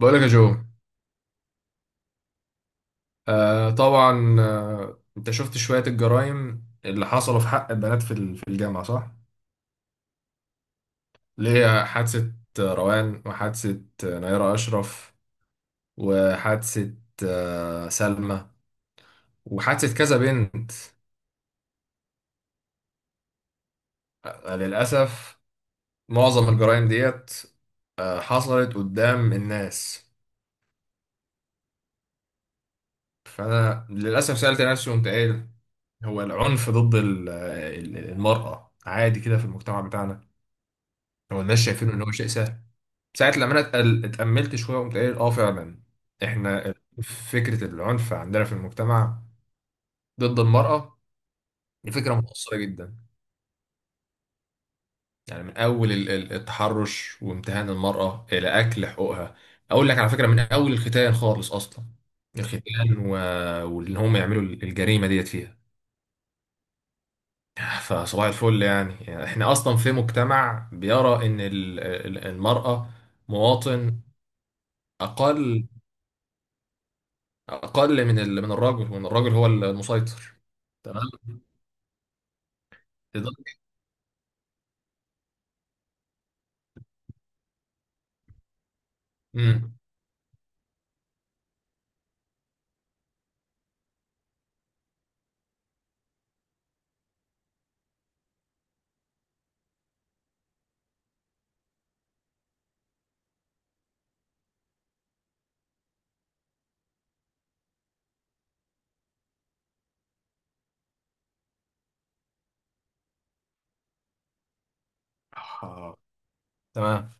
بقولك يا جو. آه طبعا، انت شفت شوية الجرائم اللي حصلوا في حق البنات في في الجامعة، صح؟ اللي هي حادثة روان، وحادثة نيرة أشرف، وحادثة سلمى، وحادثة كذا بنت. للأسف معظم الجرائم ديت حصلت قدام الناس. فأنا للأسف سألت نفسي قمت قايل، هو العنف ضد المرأة عادي كده في المجتمع بتاعنا؟ هو الناس شايفينه إن هو شيء سهل. ساعة لما انا اتأملت شوية قمت قايل فعلا، احنا فكرة العنف عندنا في المجتمع ضد المرأة دي فكرة مؤثرة جدا. يعني من أول التحرش وامتهان المرأة إلى أكل حقوقها. أقول لك على فكرة، من أول الختان خالص أصلا. الختان وإن هم يعملوا الجريمة ديت فيها، فصباح الفل يعني. يعني إحنا أصلا في مجتمع بيرى إن المرأة مواطن أقل من من الراجل، وان الراجل هو المسيطر. تمام لدرجة- امم آه، تمام.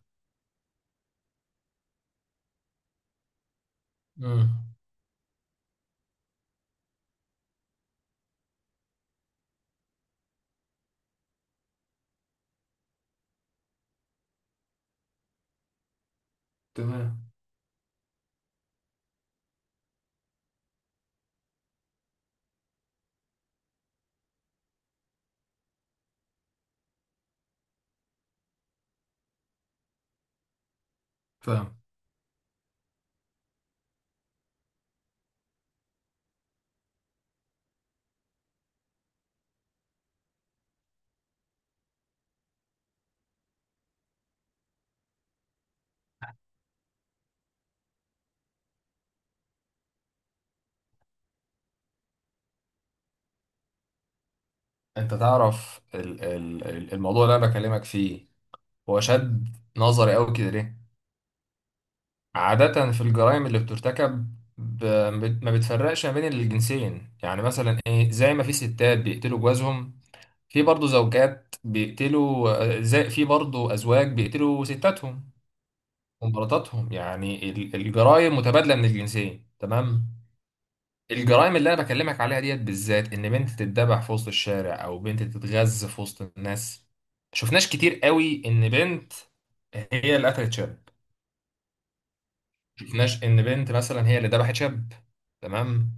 امم تمام. فاهم. انت تعرف الموضوع اللي انا بكلمك فيه هو شد نظري قوي كده ليه؟ عادة في الجرائم اللي بترتكب ب- ما بتفرقش ما بين الجنسين، يعني مثلا ايه، زي ما في ستات بيقتلوا جوازهم، في برضه زوجات بيقتلوا، زي في برضه ازواج بيقتلوا ستاتهم ومراتاتهم. يعني الجرائم متبادله من الجنسين، تمام. الجرائم اللي انا بكلمك عليها ديت بالذات، ان بنت تتذبح في وسط الشارع او بنت تتغز في وسط الناس، شفناش كتير قوي ان بنت هي اللي قتلت شاب، شفناش ان بنت مثلا هي اللي ذبحت شاب. تمام.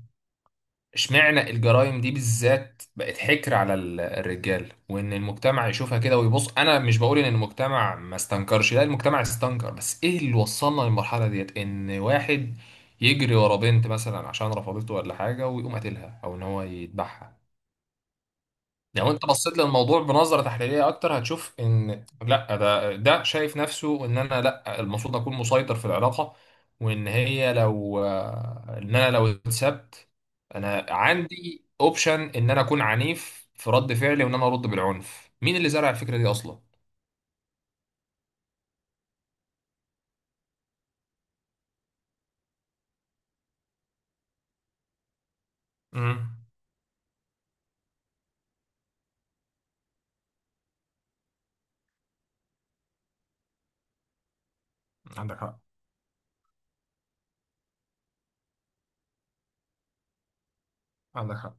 اشمعنى الجرائم دي بالذات بقت حكر على الرجال، وان المجتمع يشوفها كده ويبص. انا مش بقول ان المجتمع ما استنكرش، لا، المجتمع استنكر، بس ايه اللي وصلنا للمرحلة ديت ان واحد يجري ورا بنت مثلا عشان رفضته ولا حاجة ويقوم قاتلها او ان هو يذبحها؟ يعني لو انت بصيت للموضوع بنظره تحليليه اكتر، هتشوف ان لا، ده شايف نفسه ان انا، لا، المفروض اكون مسيطر في العلاقه، وان هي لو ان انا لو اتسبت، انا عندي اوبشن ان انا اكون عنيف في رد فعلي وان انا ارد بالعنف. مين اللي زرع الفكره دي اصلا؟ امم عندك حق، عندك حق،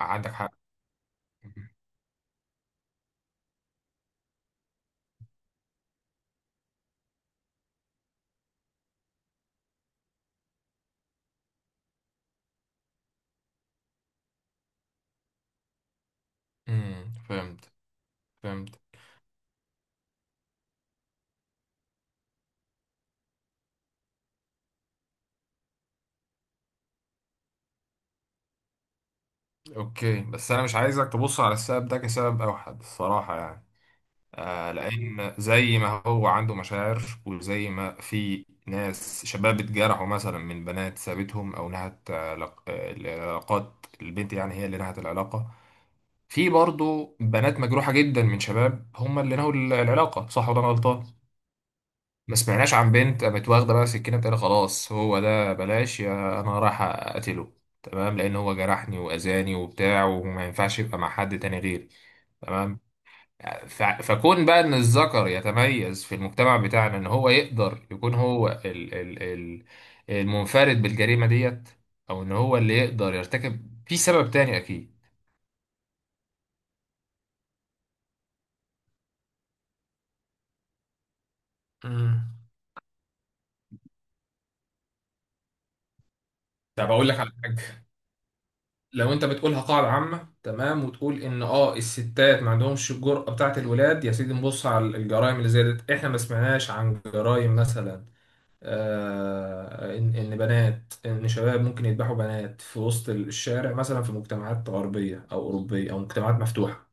عندك حق. فهمت، فهمت. اوكي، بس انا مش عايزك تبص على السبب ده كسبب اوحد، الصراحه يعني، لأن زي ما هو عنده مشاعر، وزي ما في ناس شباب اتجرحوا مثلا من بنات سابتهم أو نهت العلاقات، البنت يعني هي اللي نهت العلاقة، في برضه بنات مجروحة جدا من شباب هم اللي نهوا العلاقة. صح ولا أنا غلطان؟ ما سمعناش عن بنت قامت واخدة بقى سكينة بتقول خلاص هو ده، بلاش يا أنا رايح أقتله تمام، لأن هو جرحني وأذاني وبتاع وما ينفعش يبقى مع حد تاني غيري. تمام. فكون بقى ان الذكر يتميز في المجتمع بتاعنا ان هو يقدر يكون هو ال ال ال المنفرد بالجريمة ديت، او ان هو اللي يقدر يرتكب، في سبب تاني اكيد. مم. طب اقول لك على حاجه، لو انت بتقولها قاعده عامه، تمام، وتقول ان الستات ما عندهمش الجرأه بتاعه الولاد، يا سيدي نبص على الجرائم اللي زادت. احنا ما سمعناش عن جرائم مثلا، إن شباب ممكن يذبحوا بنات في وسط الشارع مثلا في مجتمعات غربية أو أوروبية أو مجتمعات مفتوحة.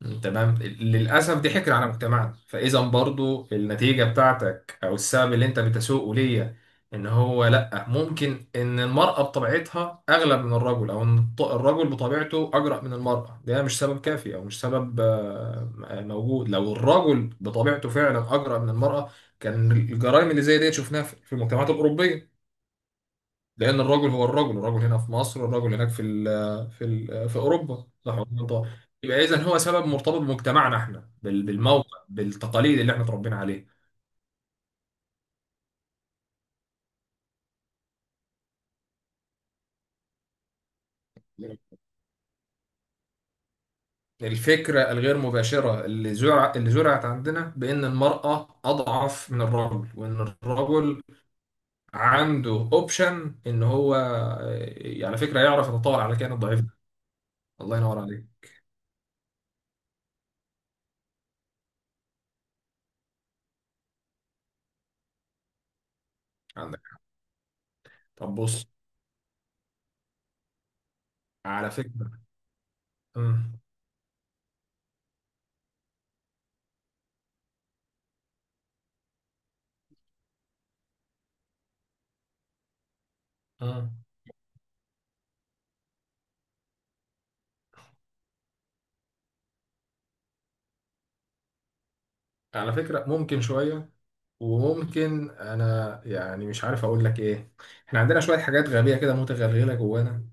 مم. تمام. للأسف دي حكر على مجتمعنا. فإذا برضو النتيجة بتاعتك أو السبب اللي أنت بتسوقه ليا إن هو لأ، ممكن إن المرأة بطبيعتها أغلب من الرجل أو إن الرجل بطبيعته أجرأ من المرأة، ده مش سبب كافي أو مش سبب موجود. لو الرجل بطبيعته فعلا أجرأ من المرأة كان الجرائم اللي زي دي شفناها في المجتمعات الأوروبية، لان الرجل هو الرجل هنا في مصر، والرجل هناك في ال في ال في اوروبا، صح ولا أنا غلطان؟ يبقى اذا هو سبب مرتبط بمجتمعنا احنا، بالموقع، بالتقاليد اللي احنا اتربينا عليها. الفكره الغير مباشره اللي زرعت عندنا بان المراه اضعف من الرجل، وان الرجل عنده اوبشن ان هو، على فكره، يعرف يتطاول على الكائن الضعيف ده. الله ينور عليك. عندك طب بص، على فكره، امم امم على فكره ممكن شويه، وممكن انا يعني مش عارف اقول لك ايه، احنا عندنا شويه حاجات غبيه كده متغلغله جوانا.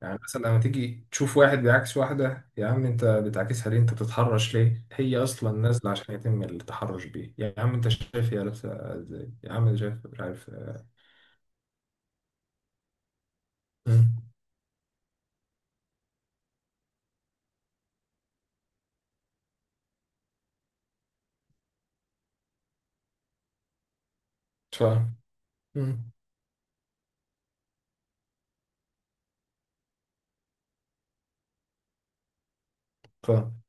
يعني مثلا لما تيجي تشوف واحد بيعكس واحده، يا عم انت بتعكسها ليه، انت بتتحرش ليه، هي اصلا نازله عشان يتم التحرش بيه، يا عم انت شايف هي لابسه ازاي، يا عم انت شايف، مش عارف. مم. فاهم. مم. فاهم.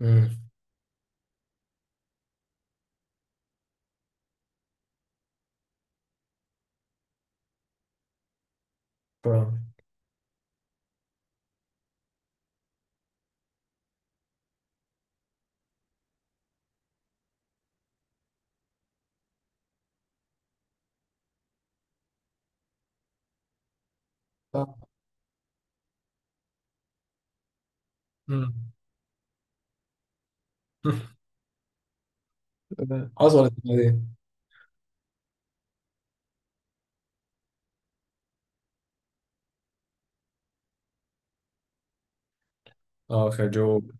مم. فاهم، فاهم. مم. حصلت دي. اه، خجول.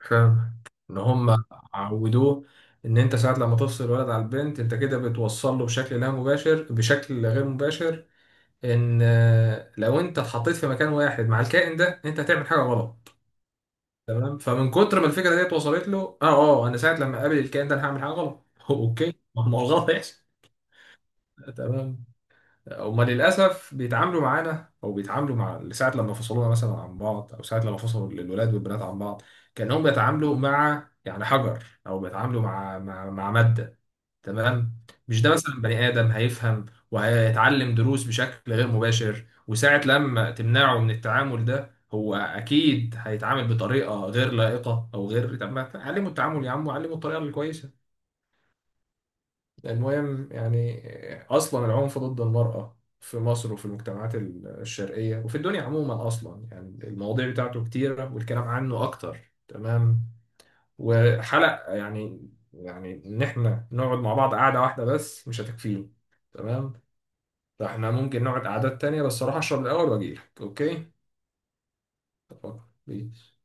فاهم. ان هم عودوه، ان انت ساعات لما تفصل الولد على البنت انت كده بتوصل له بشكل لا مباشر، بشكل غير مباشر، ان لو انت اتحطيت في مكان واحد مع الكائن ده انت هتعمل حاجه غلط. تمام. فمن كتر ما الفكره ديت وصلت له، اه انا ساعه لما اقابل الكائن ده انا هعمل حاجه غلط. اوكي، ما هو الغلط هيحصل. تمام. هما للأسف بيتعاملوا معانا أو بيتعاملوا مع ساعة لما فصلونا مثلا عن بعض أو ساعة لما فصلوا الولاد والبنات عن بعض، كأنهم بيتعاملوا مع يعني حجر، أو بيتعاملوا مع مادة. تمام. مش ده مثلا بني آدم هيفهم وهيتعلم دروس بشكل غير مباشر؟ وساعة لما تمنعه من التعامل ده هو أكيد هيتعامل بطريقة غير لائقة أو غير، طب ما علمه التعامل يا عم، وعلمه الطريقة الكويسة. المهم يعني، أصلا العنف ضد المرأة في مصر وفي المجتمعات الشرقية وفي الدنيا عموما أصلا، يعني المواضيع بتاعته كتيرة والكلام عنه أكتر. تمام. وحلق يعني إن إحنا نقعد مع بعض قعدة واحدة بس مش هتكفيه. تمام. فإحنا ممكن نقعد قعدات تانية. بس أروح أشرب الأول وأجيلك، أوكي؟ اتفقنا بيس